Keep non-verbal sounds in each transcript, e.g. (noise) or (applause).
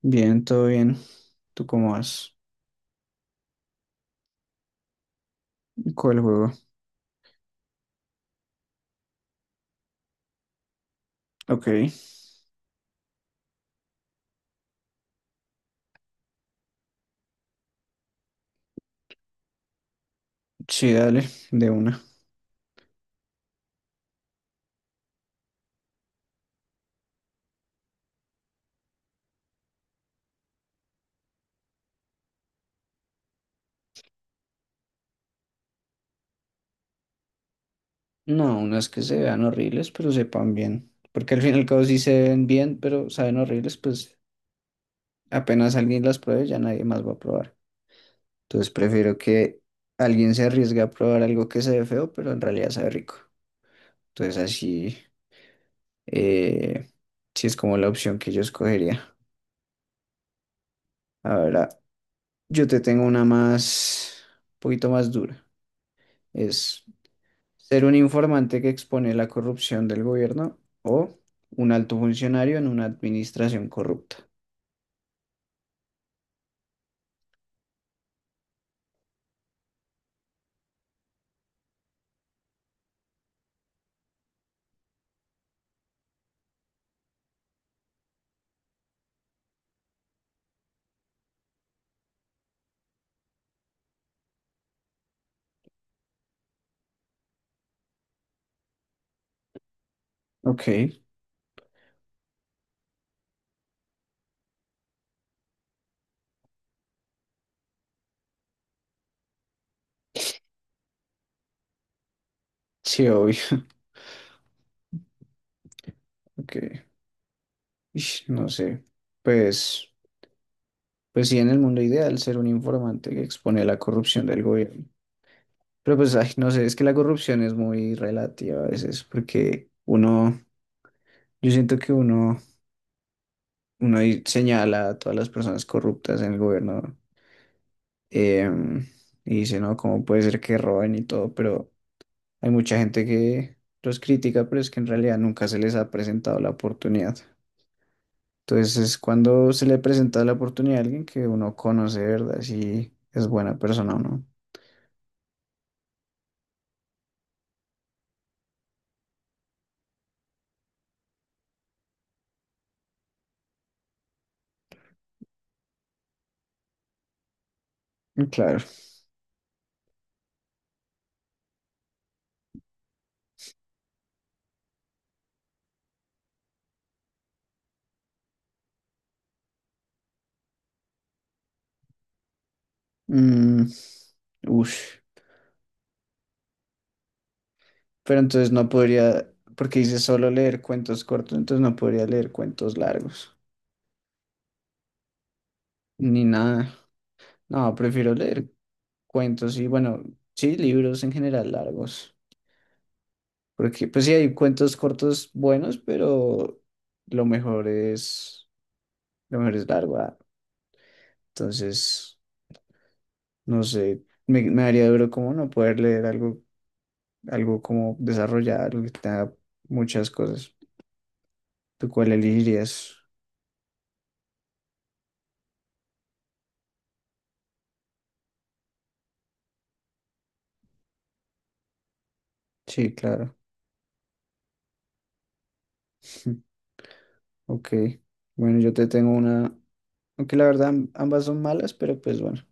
Bien, todo bien. ¿Tú cómo vas? ¿Cuál juego? Ok, sí, dale, de una. No, unas que se vean horribles, pero sepan bien. Porque al fin y al cabo sí se ven bien, pero saben horribles, pues apenas alguien las pruebe, ya nadie más va a probar. Entonces prefiero que alguien se arriesgue a probar algo que se ve feo, pero en realidad sabe rico. Entonces así, eh, sí es como la opción que yo escogería. Ahora, yo te tengo una más, un poquito más dura. Es... Ser un informante que expone la corrupción del gobierno o un alto funcionario en una administración corrupta. Ok, sí, obvio. (laughs) Ok, ish, no sé. Pues, pues sí, en el mundo ideal ser un informante que expone la corrupción del gobierno. Pero pues, ay, no sé, es que la corrupción es muy relativa a veces porque uno, yo siento que uno, ahí señala a todas las personas corruptas en el gobierno, em, y dice, no, ¿cómo puede ser que roben y todo? Pero... Hay mucha gente que los critica, pero es que en realidad nunca se les ha presentado la oportunidad. Entonces es cuando se le presenta la oportunidad a alguien que uno conoce, de ¿verdad? Si es buena persona o no. Mm, claro. Mm, ush. Pero entonces no podría, porque dice solo leer cuentos cortos, entonces no podría leer cuentos largos, ni nada. No, prefiero leer cuentos y bueno, sí, libros en general largos. Porque pues sí hay cuentos cortos buenos, pero lo mejor es, lo mejor es largo. Ah. Entonces, no sé, me daría duro como no poder leer algo, algo como desarrollado, algo que tenga muchas cosas. ¿Tú cuál elegirías? Sí, claro. (laughs) Ok. Bueno, yo te tengo una, aunque la verdad ambas son malas, pero pues bueno.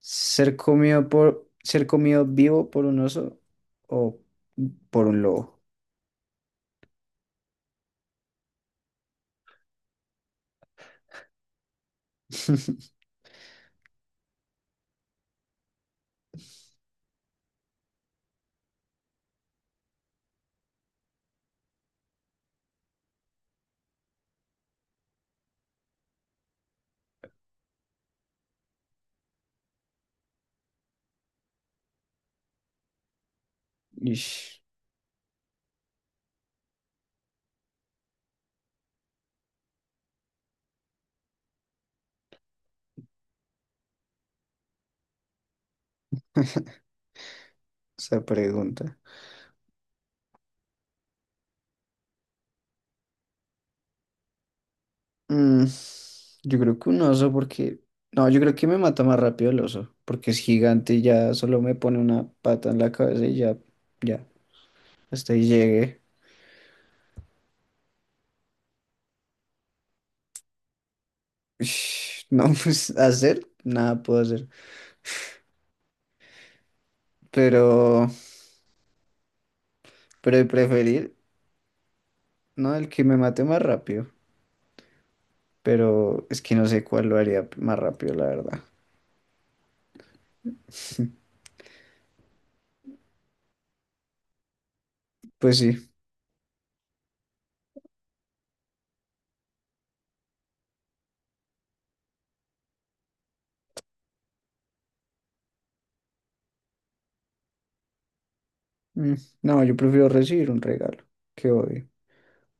Ser comido por, ser comido vivo por un oso o por un lobo. (laughs) Ish. Esa pregunta. Mm, yo creo que un oso porque... No, yo creo que me mata más rápido el oso, porque es gigante y ya solo me pone una pata en la cabeza y ya, ya, hasta ahí llegué. Ush, no, (laughs) pues hacer, nada puedo hacer. Pero, pero de preferir, no, el que me mate más rápido. Pero es que no sé cuál lo haría más rápido, la verdad. Pues sí. mm, No, yo prefiero recibir un regalo. Qué odio.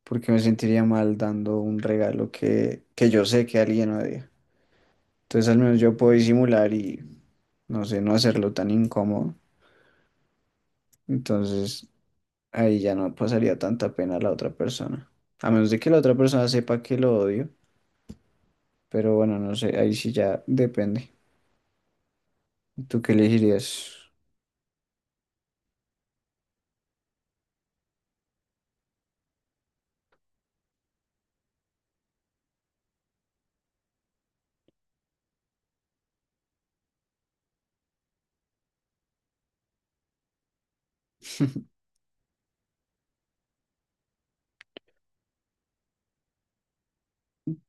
Porque me sentiría mal dando un regalo que yo sé que alguien odia. Entonces al menos yo puedo disimular y, no sé, no hacerlo tan incómodo. Entonces ahí ya no pasaría tanta pena a la otra persona. A menos de que la otra persona sepa que lo odio, pero bueno, no sé, ahí sí ya depende. ¿Tú qué elegirías?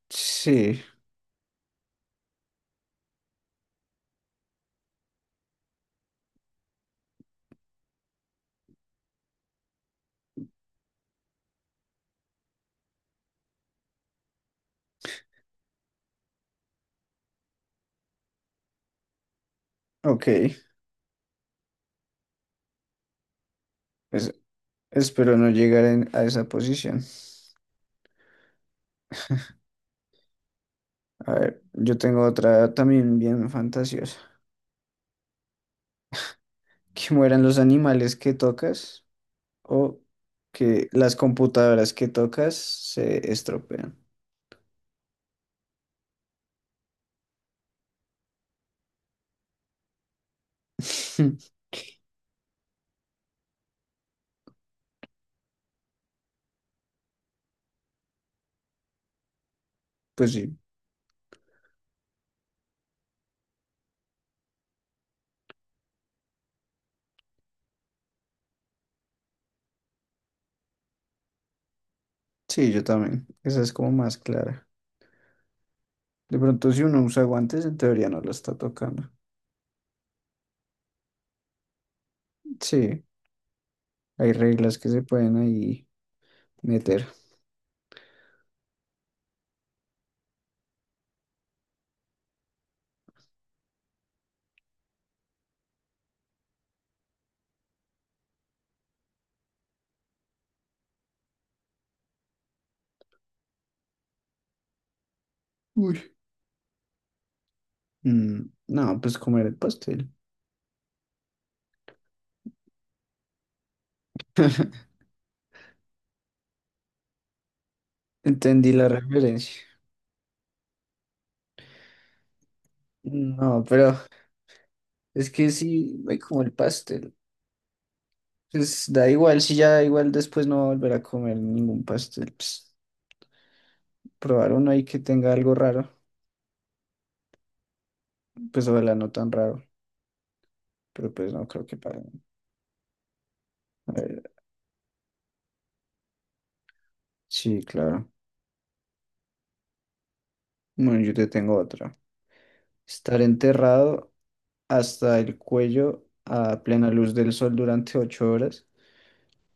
Sí, ok. Pues espero no llegar a esa posición. A ver, yo tengo otra también bien fantasiosa. (laughs) Que mueran los animales que tocas o que las computadoras que tocas se estropean. (laughs) Pues sí, sí, yo también. Esa es como más clara. De pronto, si uno usa guantes, en teoría no lo está tocando. Sí, hay reglas que se pueden ahí meter. Uy. No, pues comer el pastel. (laughs) Entendí la referencia. No, pero es que sí, me como el pastel. Pues da igual, si ya da igual, después no va a volver a comer ningún pastel. Pues, probar uno ahí que tenga algo raro. Pues ojalá no tan raro, pero pues no creo que pare. A ver, sí, claro. Bueno, yo te tengo otra. Estar enterrado hasta el cuello a plena luz del sol durante 8 horas.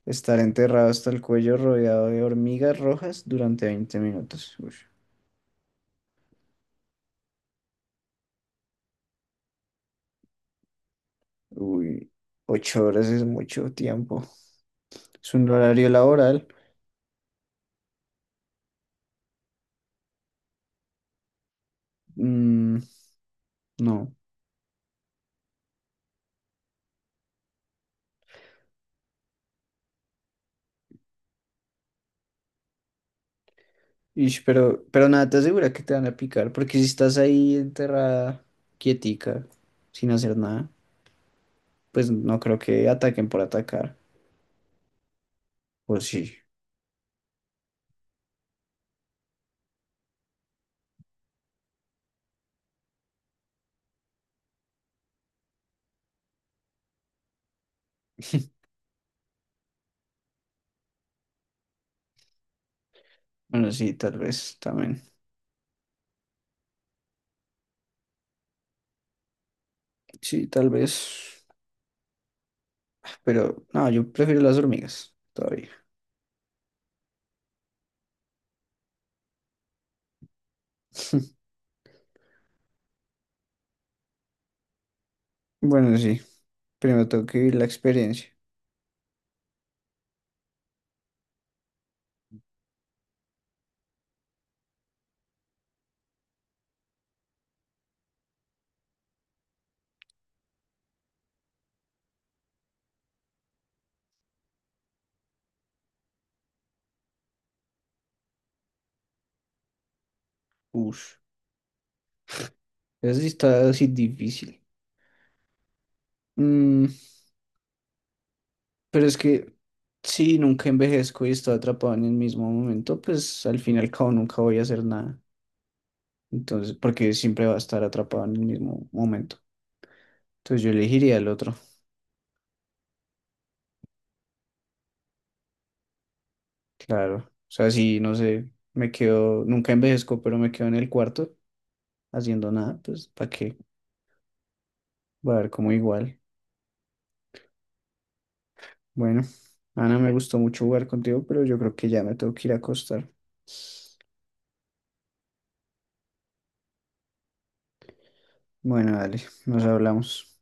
Estar enterrado hasta el cuello rodeado de hormigas rojas durante 20 minutos. Uy, uy, 8 horas es mucho tiempo. Es un horario laboral. Mm, no. Ish, pero nada, te asegura que te van a picar, porque si estás ahí enterrada, quietica, sin hacer nada. Pues no creo que ataquen por atacar. O sí. (laughs) Bueno, sí, tal vez también. Sí, tal vez. Pero no, yo prefiero las hormigas todavía. (laughs) Bueno, sí. Primero tengo que vivir la experiencia. Ush. Eso sí está así difícil. Mm, pero es que si nunca envejezco y estoy atrapado en el mismo momento, pues al fin y al cabo nunca voy a hacer nada. Entonces, porque siempre va a estar atrapado en el mismo momento. Entonces yo elegiría el otro. Claro, o sea, sí, no sé, me quedo, nunca envejezco, pero me quedo en el cuarto haciendo nada, pues, ¿para qué? Voy a ver como igual. Bueno, Ana, me gustó mucho jugar contigo, pero yo creo que ya me tengo que ir a acostar. Bueno, dale, nos hablamos.